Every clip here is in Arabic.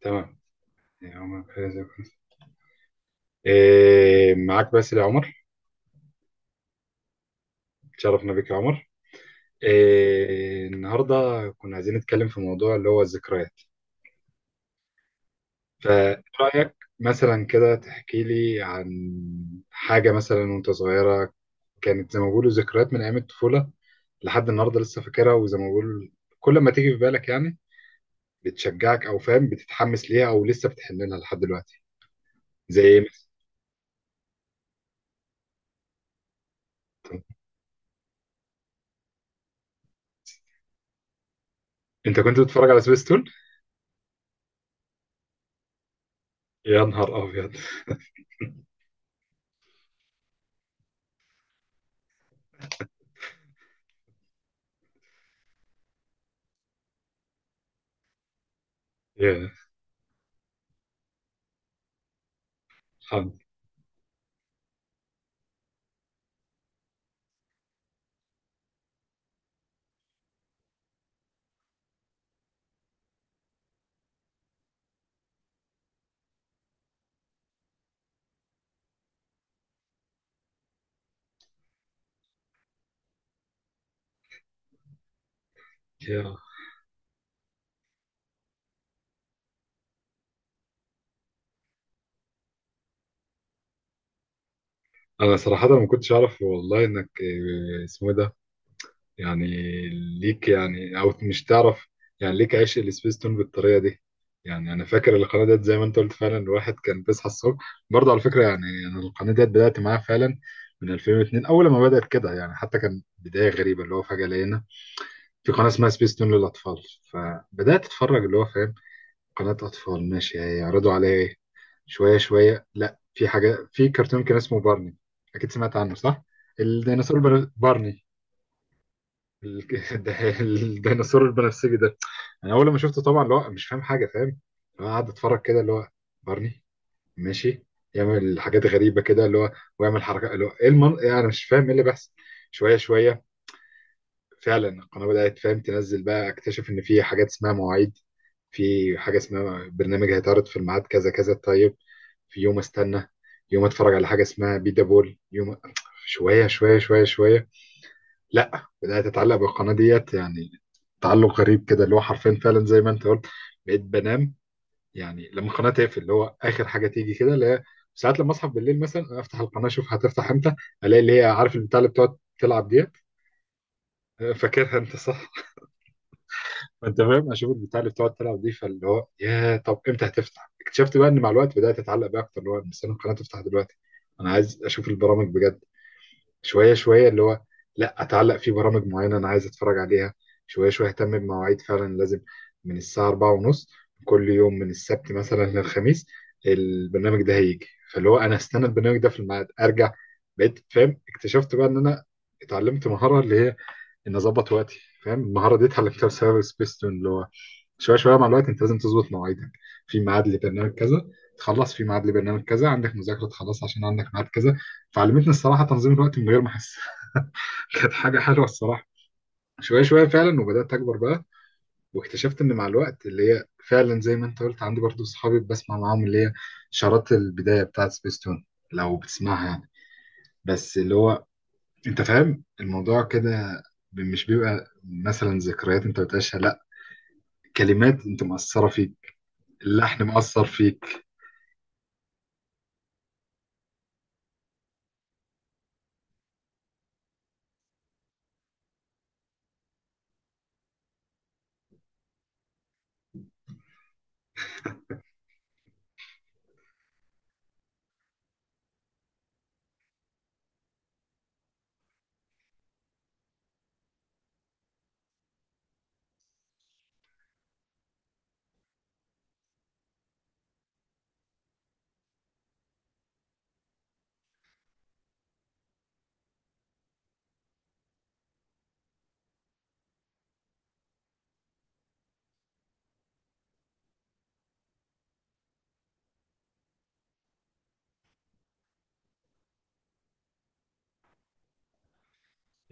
تمام. يا عمر فايز يا فايز. إيه، معاك باسل يا عمر. تشرفنا بك يا عمر. إيه النهارده، كنا عايزين نتكلم في موضوع اللي هو الذكريات، فرأيك مثلا كده تحكي لي عن حاجة مثلا وانت صغيرة كانت زي ما بيقولوا ذكريات من أيام الطفولة لحد النهارده لسه فاكرها، وزي ما بقول كل ما تيجي في بالك يعني بتشجعك أو فاهم بتتحمس ليها أو لسه بتحن لها لحد دلوقتي. زي إيه مثلا؟ انت كنت بتتفرج على سبيستون؟ يا نهار أبيض. يا الحمد. انا صراحة ما كنتش اعرف والله انك اسمه إيه ده، يعني ليك يعني او مش تعرف، يعني ليك عشق السبيس تون بالطريقة دي. يعني انا فاكر القناة ديت زي ما انت قلت فعلا، الواحد كان بيصحى الصبح برضه على فكرة يعني. انا القناة ديت بدأت معاها فعلا من 2002، اول ما بدأت كده يعني. حتى كان بداية غريبة اللي هو فجأة لقينا في قناة اسمها سبيس تون للاطفال، فبدأت اتفرج اللي هو فاهم قناة اطفال ماشي هيعرضوا عليا ايه. شوية شوية، لا في حاجة، في كرتون كان اسمه بارني. أكيد سمعت عنه صح؟ الديناصور بارني. ال- الديناصور البنفسجي ده، أنا أول ما شفته طبعا اللي هو مش فاهم حاجة، فاهم اللي هو قاعد أتفرج كده اللي هو بارني ماشي، يعمل حاجات غريبة كده اللي هو ويعمل حركات اللي هو إيه يعني أنا مش فاهم إيه اللي بيحصل. شوية شوية فعلا القناة بدأت فاهم تنزل، بقى أكتشف إن في حاجات اسمها مواعيد، في حاجة اسمها برنامج هيتعرض في الميعاد كذا كذا. طيب، في يوم استنى يوم، اتفرج على حاجه اسمها بيدا بول يوم. شويه شويه شويه شويه لا، بدات اتعلق بالقناه ديت يعني، تعلق غريب كده اللي هو حرفيا فعلا زي ما انت قلت. بقيت بنام يعني لما القناه تقفل اللي هو اخر حاجه تيجي كده اللي هي، ساعات لما اصحى بالليل مثلا افتح القناه اشوف هتفتح امتى، الاقي اللي هي عارف البتاع اللي بتقعد تلعب ديت. فاكرها انت صح. فانت فاهم اشوف البتاع اللي بتقعد تلعب دي، فاللي هو يا طب امتى هتفتح. اكتشفت بقى ان مع الوقت بدات اتعلق بقى اكتر اللي هو مستني القناه تفتح دلوقتي، انا عايز اشوف البرامج بجد. شويه شويه اللي هو لا، اتعلق في برامج معينه انا عايز اتفرج عليها. شويه شويه اهتم بمواعيد فعلا، لازم من الساعه 4 ونص كل يوم من السبت مثلا للخميس البرنامج ده هيجي، فاللي هو انا استنى البرنامج ده في الميعاد ارجع. بقيت فاهم اكتشفت بقى ان انا اتعلمت مهاره اللي هي ان اظبط وقتي، فاهم المهاره دي اتعلمتها بسبب سبيستون. اللي هو شويه شويه مع الوقت انت لازم تظبط مواعيدك، في ميعاد لبرنامج كذا تخلص، في ميعاد لبرنامج كذا، عندك مذاكره تخلص عشان عندك ميعاد كذا. فعلمتني الصراحه تنظيم الوقت من غير ما احس. كانت حاجة حلوة الصراحة. شوية شوية فعلا، وبدأت أكبر بقى، واكتشفت إن مع الوقت اللي هي فعلا زي ما أنت قلت عندي برضو صحابي بسمع معاهم اللي هي شارات البداية بتاعت سبيستون لو بتسمعها يعني. بس اللي هو أنت فاهم الموضوع كده، مش بيبقى مثلا ذكريات أنت بتعيشها، لا، كلمات أنت مأثرة فيك، اللحن مأثر فيك.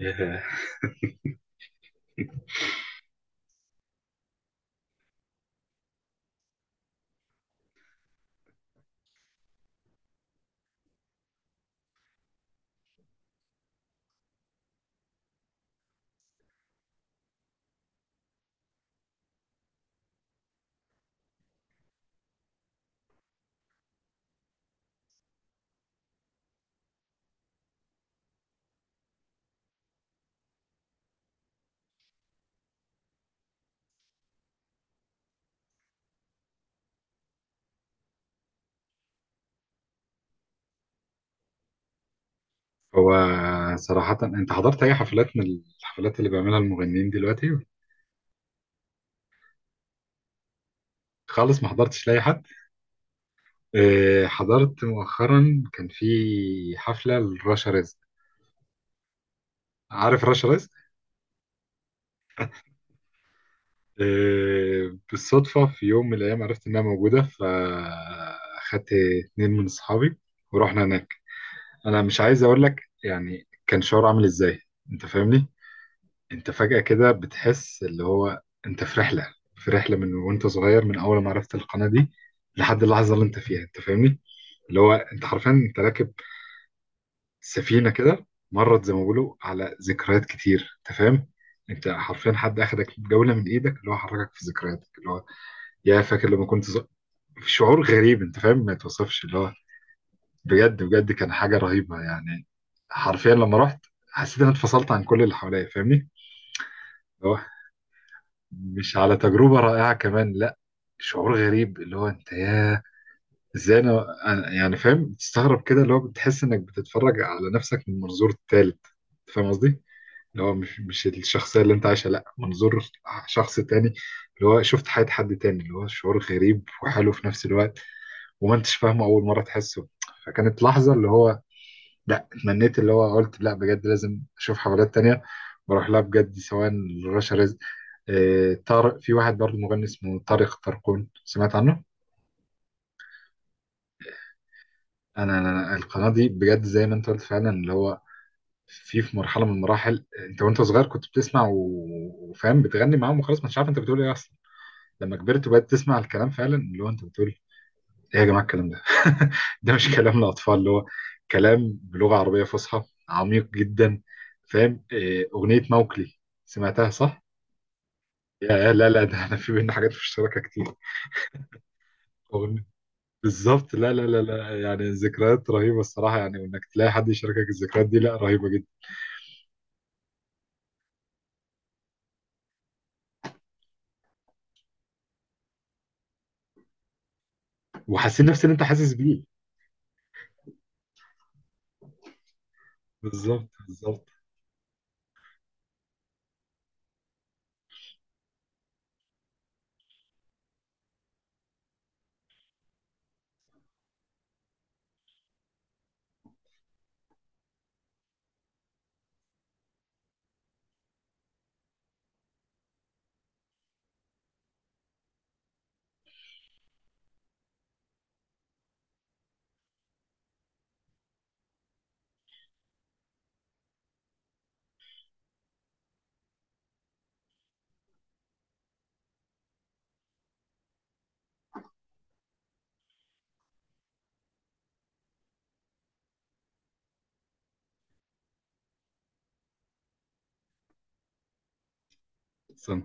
إيه. هو صراحة أنت حضرت أي حفلات من الحفلات اللي بيعملها المغنيين دلوقتي؟ خالص ما حضرتش لأي حد؟ حضرت مؤخرا، كان في حفلة لرشا رزق. عارف رشا رزق. بالصدفة في يوم من الأيام عرفت إنها موجودة، فأخدت اتنين من أصحابي ورحنا هناك. أنا مش عايز أقول لك يعني كان شعور عامل إزاي، أنت فاهمني. أنت فجأة كده بتحس اللي هو أنت في رحلة، في رحلة من وأنت صغير، من أول ما عرفت القناة دي لحد اللحظة اللي أنت فيها، أنت فاهمني. اللي هو أنت حرفيا أنت راكب سفينة كده، مرت زي ما بيقولوا على ذكريات كتير، انت فاهم انت حرفيا حد اخدك جولة من ايدك اللي هو حركك في ذكرياتك، اللي هو يا فاكر لما كنت في شعور غريب انت فاهم ما يتوصفش اللي هو، بجد بجد كان حاجة رهيبة يعني. حرفيا لما رحت حسيت ان انا اتفصلت عن كل اللي حواليا فاهمني. اللي هو مش على تجربة رائعة كمان لا، شعور غريب اللي هو انت يا ازاي انا يعني فاهم تستغرب كده اللي هو بتحس انك بتتفرج على نفسك من منظور تالت، أنت فاهم قصدي. اللي هو مش مش الشخصية اللي انت عايشها، لا منظور شخص تاني، اللي هو شفت حياة حد تاني اللي هو شعور غريب وحلو في نفس الوقت، وما انتش فاهمه أول مرة تحسه. فكانت لحظة اللي هو لا، اتمنيت اللي هو قلت لا بجد لازم أشوف حفلات تانية، بروح لها بجد، سواء رشا رزق طارق، في واحد برضه مغني اسمه طارق طرقون، سمعت عنه؟ أنا القناة دي بجد زي ما انت قلت فعلا اللي هو في في مرحلة من المراحل انت وانت صغير كنت بتسمع و- وفاهم بتغني معاهم وخلاص مش عارف انت بتقول ايه اصلا. لما كبرت وبقيت تسمع الكلام فعلا اللي هو انت بتقول ايه، يا جماعه الكلام ده! ده مش كلام لاطفال، اللي هو كلام بلغه عربيه فصحى عميق جدا، فاهم إيه، اغنيه موكلي، سمعتها صح؟ يا لا لا ده احنا في بينا حاجات مشتركه كتير. أغنية- بالظبط، لا لا لا لا يعني ذكريات رهيبه الصراحه يعني، وانك تلاقي حد يشاركك الذكريات دي لا رهيبه جدا. وحاسين نفس اللي انت حاسس بيه. بالظبط بالظبط. سم.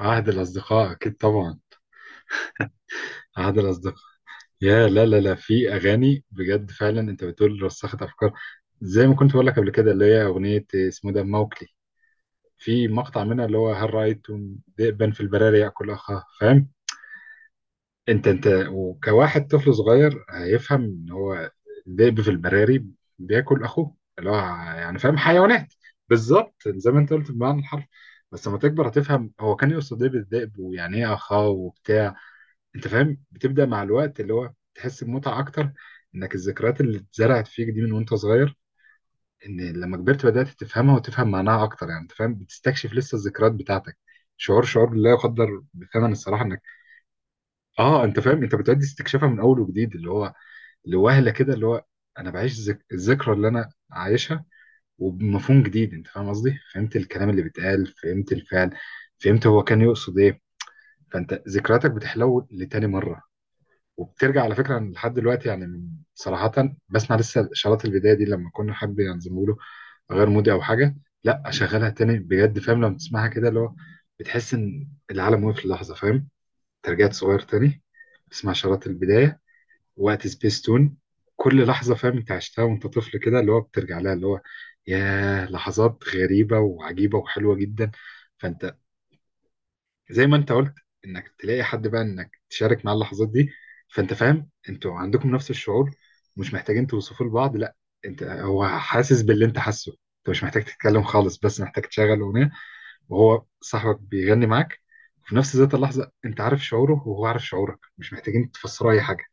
عهد الاصدقاء اكيد طبعا. عهد الاصدقاء. يا لا لا لا في اغاني بجد فعلا انت بتقول رسخت افكار، زي ما كنت بقول لك قبل كده اللي هي اغنيه اسمه ده موكلي، في مقطع منها اللي هو هل رايتم ذئبا في البراري ياكل اخاه، فاهم انت انت وكواحد طفل صغير هيفهم ان هو الذئب في البراري بياكل اخوه اللي هو يعني فاهم حيوانات. بالظبط زي ما انت قلت بمعنى الحرف. بس لما تكبر هتفهم هو كان يقصد ايه بالذئب ويعني ايه اخاه وبتاع، انت فاهم بتبدا مع الوقت اللي هو تحس بمتعه اكتر، انك الذكريات اللي اتزرعت فيك دي من وانت صغير ان لما كبرت بدات تفهمها وتفهم معناها اكتر يعني، انت فاهم بتستكشف لسه الذكريات بتاعتك، شعور شعور لا يقدر بثمن الصراحه انك اه. انت فاهم انت بتعدي استكشافها من اول وجديد اللي هو لوهله كده اللي هو انا بعيش الذكرى اللي انا عايشها وبمفهوم جديد، انت فاهم قصدي، فهمت الكلام اللي بيتقال، فهمت الفعل، فهمت هو كان يقصد ايه. فانت ذكرياتك بتحلو لتاني مره، وبترجع على فكره لحد دلوقتي يعني صراحه. بسمع لسه شراط البدايه دي لما كنا حد ينظموا له غير مودي او حاجه، لا اشغلها تاني بجد، فاهم لما تسمعها كده اللي هو بتحس ان العالم وقف للحظه، فاهم انت رجعت صغير تاني، بتسمع شراط البدايه وقت سبيس تون كل لحظه، فاهم انت عشتها وانت طفل كده اللي هو بترجع لها اللي هو يا لحظات غريبه وعجيبه وحلوه جدا. فانت زي ما انت قلت انك تلاقي حد بقى انك تشارك معاه اللحظات دي، فانت فاهم انتوا عندكم نفس الشعور، مش محتاجين توصفوا لبعض، لا، انت هو حاسس باللي انت حاسه، انت مش محتاج تتكلم خالص بس محتاج تشغل اغنيه وهو صاحبك بيغني معاك، وفي نفس ذات اللحظه انت عارف شعوره وهو عارف شعورك، مش محتاجين تفسروا اي حاجه.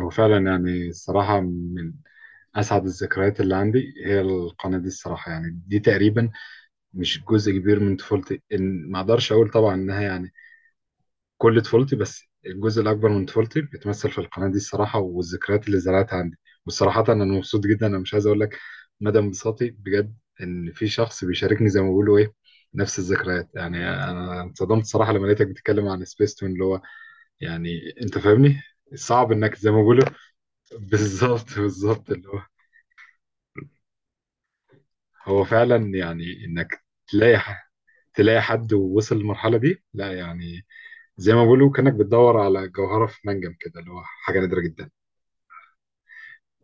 هو فعلا يعني الصراحة من أسعد الذكريات اللي عندي هي القناة دي الصراحة يعني. دي تقريبا مش جزء كبير من طفولتي، إن ما أقدرش أقول طبعا إنها يعني كل طفولتي، بس الجزء الأكبر من طفولتي بيتمثل في القناة دي الصراحة، والذكريات اللي زرعتها عندي. والصراحة أنا مبسوط جدا، أنا مش عايز أقول لك مدى انبساطي بجد، إن في شخص بيشاركني زي ما بيقولوا إيه نفس الذكريات يعني. أنا انصدمت الصراحة لما لقيتك بتتكلم عن سبيس تون اللي هو يعني أنت فاهمني، صعب إنك زي ما بيقولوا. بالظبط بالظبط اللي هو هو فعلا يعني إنك تلاقي تلاقي حد ووصل للمرحلة دي لا يعني، زي ما بيقولوا كأنك بتدور على جوهرة في منجم كده اللي هو حاجة نادرة جدا.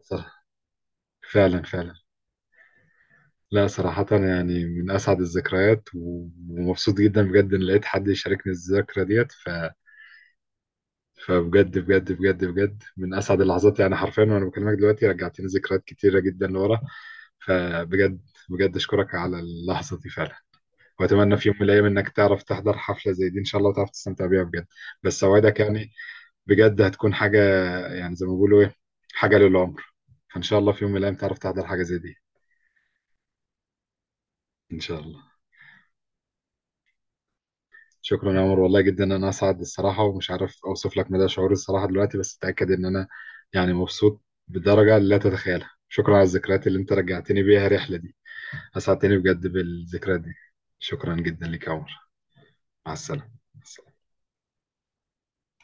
صح. فعلا فعلا. لا صراحة يعني من أسعد الذكريات و- ومبسوط جدا بجد إن لقيت حد يشاركني الذكرى ديت ف... فبجد بجد بجد بجد من أسعد اللحظات يعني حرفيا، وأنا بكلمك دلوقتي رجعتني ذكريات كتيرة جدا لورا. فبجد بجد أشكرك على اللحظة دي فعلا، وأتمنى في يوم من الأيام إنك تعرف تحضر حفلة زي دي إن شاء الله، وتعرف تستمتع بيها بجد. بس أوعدك يعني بجد هتكون حاجة، يعني زي ما بيقولوا إيه، حاجة للعمر. فإن شاء الله في يوم من الأيام تعرف تحضر حاجة زي دي إن شاء الله. شكرا يا عمر والله جدا انا اسعد الصراحه، ومش عارف اوصف لك مدى شعوري الصراحه دلوقتي، بس اتاكد ان انا يعني مبسوط بدرجه لا تتخيلها. شكرا على الذكريات اللي انت رجعتني بيها الرحله دي. اسعدتني بجد بالذكريات دي. شكرا جدا لك يا عمر. مع السلامه.